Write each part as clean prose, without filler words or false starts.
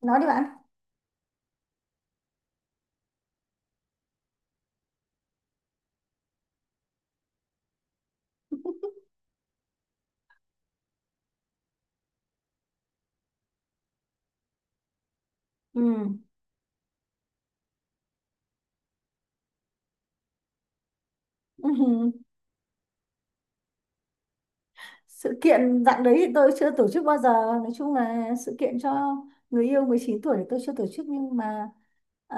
Nói đi bạn. Ừ. Ừ. Sự kiện dạng đấy thì tôi chưa tổ chức bao giờ. Nói chung là sự kiện cho người yêu 19 tuổi thì tôi chưa tổ chức nhưng mà à,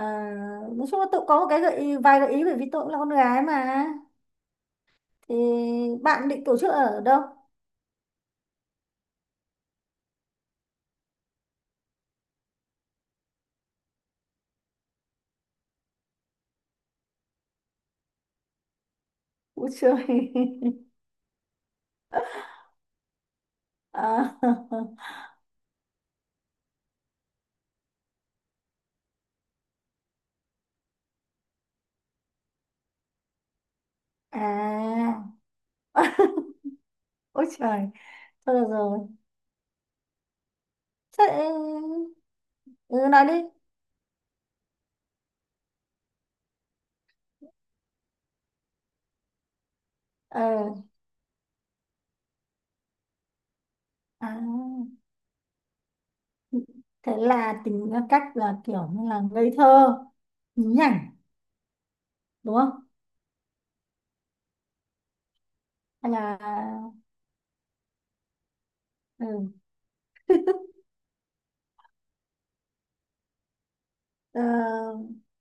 nói chung là tôi có một cái gợi ý, vài gợi ý, bởi vì tôi cũng là con gái mà. Thì bạn định tổ chức ở đâu? Vui chơi. à, à. Ôi trời, thôi được rồi. Thế, ừ, nói đi. ờ à. Thế là tính ra cách là kiểu như là ngây thơ, nhí nhảnh đúng không? Hay là ừ, ờ,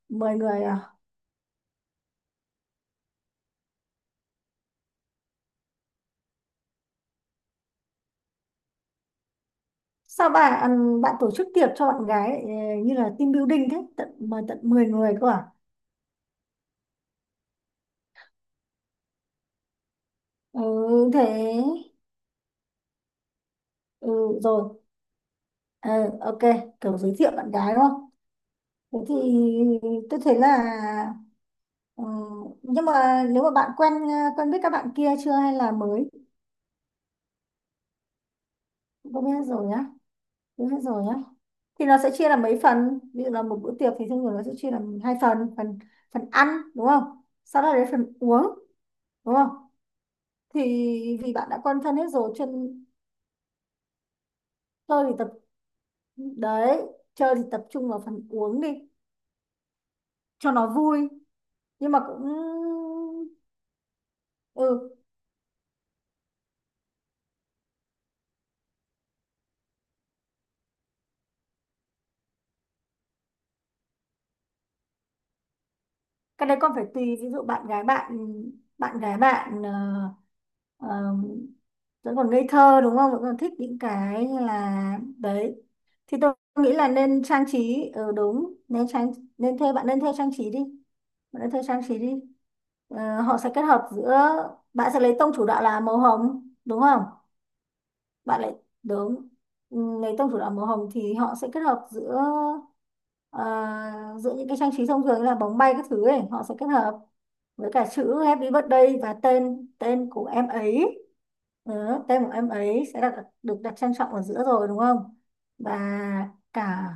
mời người à? Sao bạn tổ chức tiệc cho bạn gái như là team building thế, tận mời tận 10 người cơ à? Ừ, thế, ừ, rồi. Ờ, ok, kiểu giới thiệu bạn gái đúng không? Thế thì tôi thấy là, ừ, nhưng mà nếu mà bạn quen, quen biết các bạn kia chưa hay là mới. Quen biết hết rồi nhá, quen biết hết rồi nhá. Thì nó sẽ chia làm mấy phần, ví dụ là một bữa tiệc thì thông thường nó sẽ chia làm hai phần, phần ăn đúng không, sau đó đến phần uống đúng không. Thì vì bạn đã quen thân hết rồi chuyện, chơi thì tập đấy, chơi thì tập trung vào phần uống đi cho nó vui, nhưng mà cũng ừ cái đấy con phải tùy. Ví dụ bạn gái bạn, bạn gái bạn ờ, Ờ, vẫn còn ngây thơ đúng không, vẫn còn thích những cái như là đấy, thì tôi nghĩ là nên trang trí, đúng, nên thuê trang trí đi. Bạn nên thuê trang trí đi. Ờ, họ sẽ kết hợp giữa, bạn sẽ lấy tông chủ đạo là màu hồng đúng không? Bạn lại Đúng. Ừ, lấy tông chủ đạo màu hồng thì họ sẽ kết hợp giữa, ờ, giữa những cái trang trí thông thường như là bóng bay các thứ ấy, họ sẽ kết hợp với cả chữ Happy Birthday và tên tên của em ấy. Đó, tên của em ấy sẽ đặt, được đặt trang trọng ở giữa rồi đúng không, và cả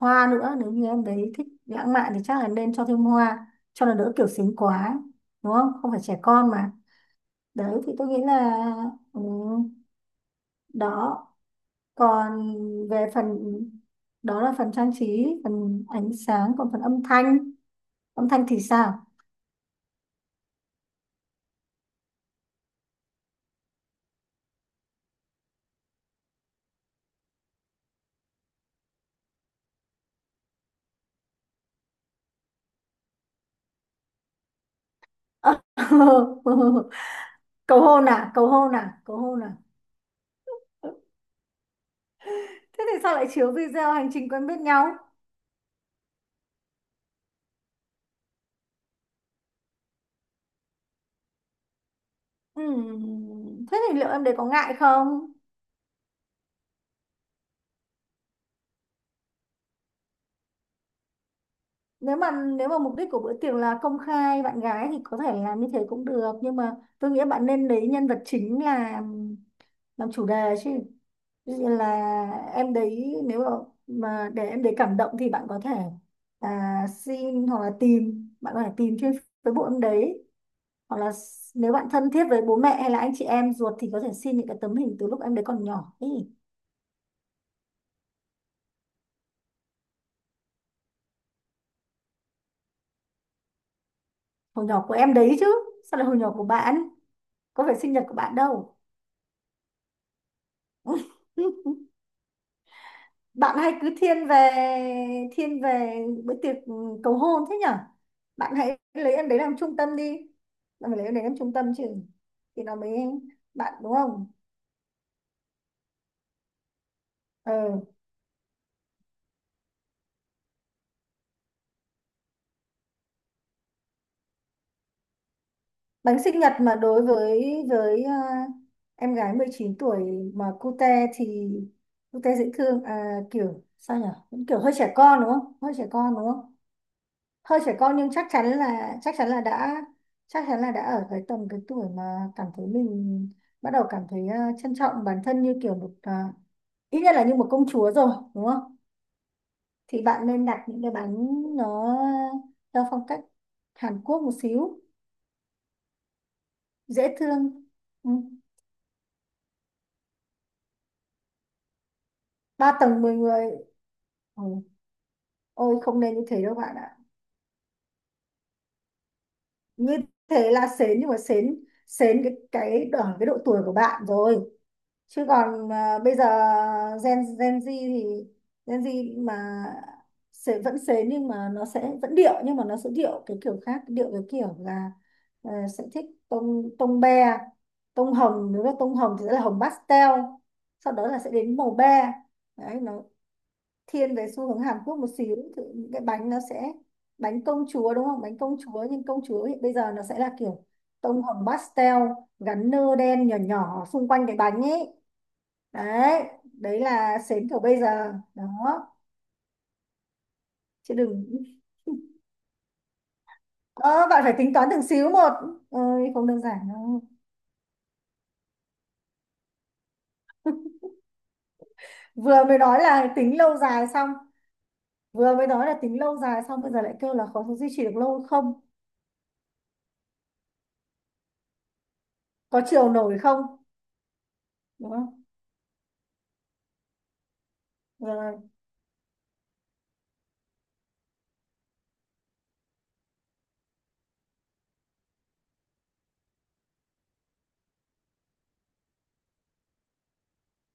hoa nữa, nếu như em đấy thích lãng mạn thì chắc là nên cho thêm hoa cho nó đỡ kiểu xính quá, đúng không, không phải trẻ con mà. Đấy thì tôi nghĩ là, ừ, đó, còn về phần, đó là phần trang trí, phần ánh sáng, còn phần âm thanh, âm thanh thì sao? Cầu hôn à, cầu hôn à, cầu hôn à? Ừ, thế thì sao lại chiếu video hành trình quen biết nhau? Thế thì liệu em đấy có ngại không? Nếu mà, mục đích của bữa tiệc là công khai bạn gái thì có thể làm như thế cũng được, nhưng mà tôi nghĩ bạn nên lấy nhân vật chính làm chủ đề chứ. Ví dụ như là em đấy nếu mà, để em đấy cảm động thì bạn có thể xin hoặc là tìm, bạn có thể tìm trên Facebook em đấy, hoặc là nếu bạn thân thiết với bố mẹ hay là anh chị em ruột thì có thể xin những cái tấm hình từ lúc em đấy còn nhỏ ý. Hồi nhỏ của em đấy chứ, sao lại hồi nhỏ của bạn, có phải sinh nhật của bạn đâu. Bạn hay cứ thiên về, thiên về bữa tiệc, ừ, cầu hôn thế nhở. Bạn hãy lấy em đấy làm trung tâm đi, bạn phải lấy em đấy làm trung tâm chứ thì nó mới, bạn đúng không? Ờ, bánh sinh nhật mà đối với em gái 19 tuổi mà cute thì cute, dễ thương, kiểu sao nhỉ? Cũng kiểu hơi trẻ con đúng không, hơi trẻ con đúng không, hơi trẻ con nhưng chắc chắn là, đã ở cái tầm, cái tuổi mà cảm thấy mình bắt đầu cảm thấy, trân trọng bản thân như kiểu một, ít nhất là như một công chúa rồi đúng không. Thì bạn nên đặt những cái bánh nó theo phong cách Hàn Quốc một xíu, dễ thương. Ừ. 3 tầng 10 người. Ừ. Ôi, không nên như thế đâu bạn ạ. Như thế là sến, nhưng mà sến, sến cái ở cái độ tuổi của bạn rồi. Chứ còn bây giờ Gen Gen Z thì Gen Z mà sẽ vẫn sến nhưng mà nó sẽ vẫn điệu, nhưng mà nó sẽ điệu cái kiểu khác, điệu cái kiểu là, ờ, sẽ thích tông tông be, tông hồng, nếu là tông hồng thì sẽ là hồng pastel. Sau đó là sẽ đến màu be. Đấy, nó thiên về xu hướng Hàn Quốc một xíu thì những cái bánh nó sẽ, bánh công chúa đúng không, bánh công chúa nhưng công chúa hiện bây giờ nó sẽ là kiểu tông hồng pastel, gắn nơ đen nhỏ nhỏ xung quanh cái bánh ấy. Đấy, đấy là sến kiểu bây giờ đó. Chứ đừng, ờ, bạn phải tính toán từng xíu một, ơi không đơn giản đâu. Vừa mới nói là tính lâu dài xong, vừa mới nói là tính lâu dài xong bây giờ lại kêu là có duy trì được lâu không. Có chiều nổi không? Đúng không? Ờ,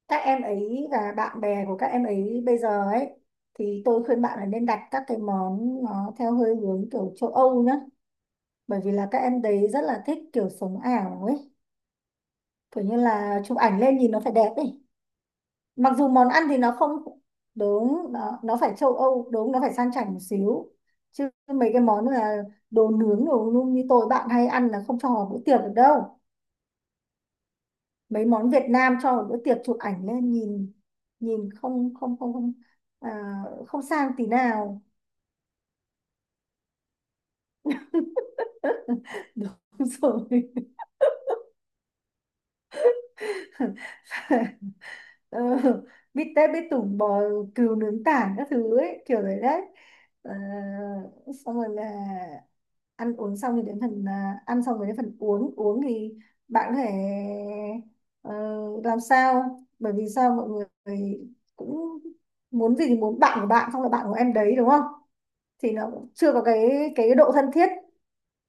các em ấy và bạn bè của các em ấy bây giờ ấy, thì tôi khuyên bạn là nên đặt các cái món nó theo hơi hướng kiểu châu Âu nhá. Bởi vì là các em đấy rất là thích kiểu sống ảo ấy, kiểu như là chụp ảnh lên nhìn nó phải đẹp ấy. Mặc dù món ăn thì nó không đúng, nó phải châu Âu, đúng, nó phải sang chảnh một xíu. Chứ mấy cái món là đồ nướng đồ nung như tôi bạn hay ăn là không cho vào bữa tiệc được đâu. Mấy món Việt Nam cho một bữa tiệc chụp ảnh lên nhìn, nhìn không, không, không, không à, không sang tí nào. Đúng rồi. Ờ, bít tết bít tủng, bò cừu nướng tảng các thứ ấy, kiểu đấy đấy. Ờ, xong rồi là ăn uống xong thì đến phần, ăn xong rồi đến phần uống. Uống thì bạn có thể, ờ, làm sao, bởi vì sao mọi người cũng muốn gì thì muốn, bạn của bạn xong là bạn của em đấy đúng không, thì nó cũng chưa có cái độ thân thiết,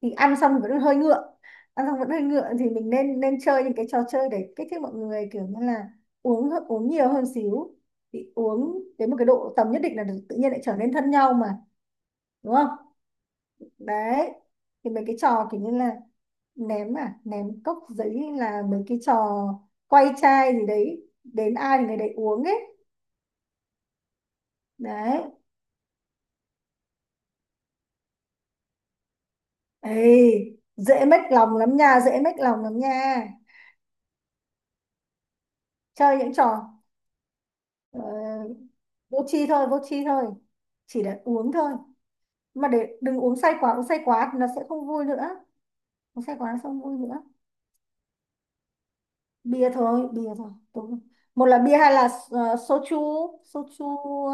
thì ăn xong vẫn hơi ngượng, ăn xong vẫn hơi ngượng thì mình nên nên chơi những cái trò chơi để kích thích mọi người kiểu như là uống uống nhiều hơn xíu. Thì uống đến một cái độ tầm nhất định là tự nhiên lại trở nên thân nhau mà đúng không. Đấy, thì mấy cái trò kiểu như là ném cốc giấy hay là mấy cái trò quay chai gì đấy, đến ai thì người đấy uống ấy. Đấy. Ê, dễ mách lòng lắm nha, dễ mách lòng lắm nha. Chơi những trò, Ờ, vô tri thôi, vô tri thôi. Chỉ là uống thôi, mà để đừng uống say quá, uống say quá thì nó sẽ không vui nữa, uống say quá nó sẽ không vui nữa. Bia thôi, bia thôi. Một là bia hay là, soju, soju,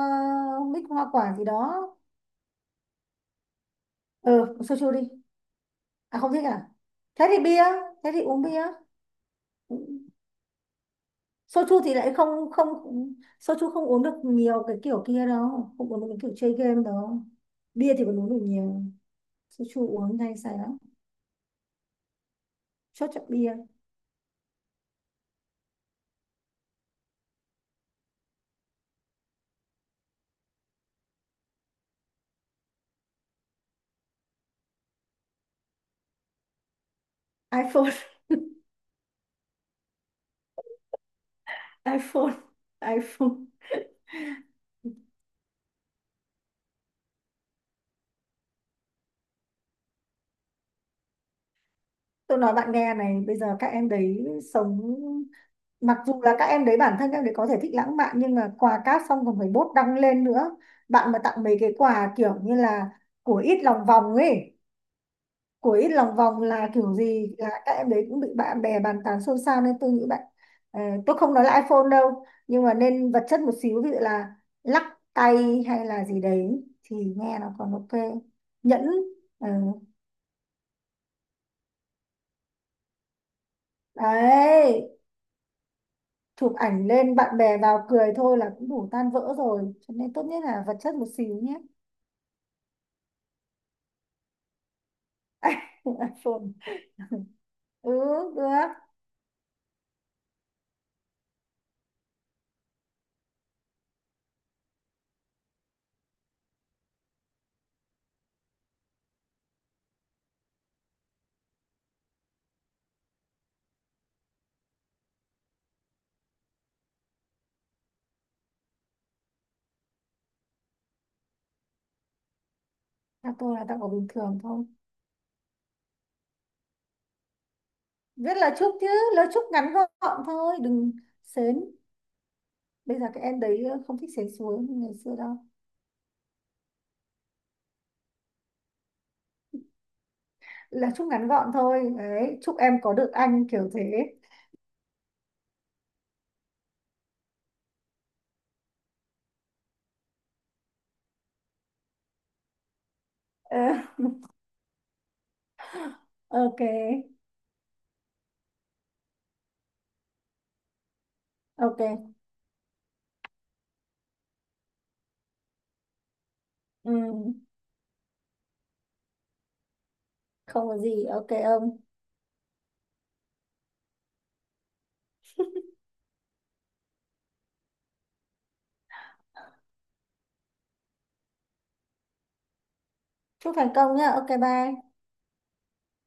mix hoa quả gì đó. Ừ, soju đi. À, không thích à? Thế thì bia, thế thì uống bia. Soju thì lại không không, soju không uống được nhiều cái kiểu kia đâu, không uống được cái kiểu chơi game đâu. Bia thì còn uống được nhiều, soju uống hay say lắm. Chốt chọn bia. iPhone. iPhone. iPhone. Tôi nói bạn nghe này, bây giờ các em đấy sống, mặc dù là các em đấy bản thân các em đấy có thể thích lãng mạn, nhưng mà quà cáp xong còn phải bốt đăng lên nữa. Bạn mà tặng mấy cái quà kiểu như là của ít lòng vòng ấy, của ít lòng vòng là kiểu gì là các em đấy cũng bị bạn bè bàn tán xôn xao, nên tôi nghĩ bạn, ờ, tôi không nói là iPhone đâu, nhưng mà nên vật chất một xíu, ví dụ là lắc tay hay là gì đấy thì nghe nó còn ok. Nhẫn. ờ, Đấy, chụp ảnh lên bạn bè vào cười thôi là cũng đủ tan vỡ rồi, cho nên tốt nhất là vật chất một xíu nhé. iPhone. Ừ, được. Tặng tôi là tặng của bình thường thôi. Viết lời chúc chứ, lời chúc ngắn gọn thôi, đừng sến, bây giờ các em đấy không thích sến xuống như ngày xưa đâu. Lời chúc ngắn gọn thôi, đấy, chúc em có được anh kiểu thế. Ờ, ok. Ok. Ừ, không có gì, ok ông. Chúc thành công nhá, ok bye.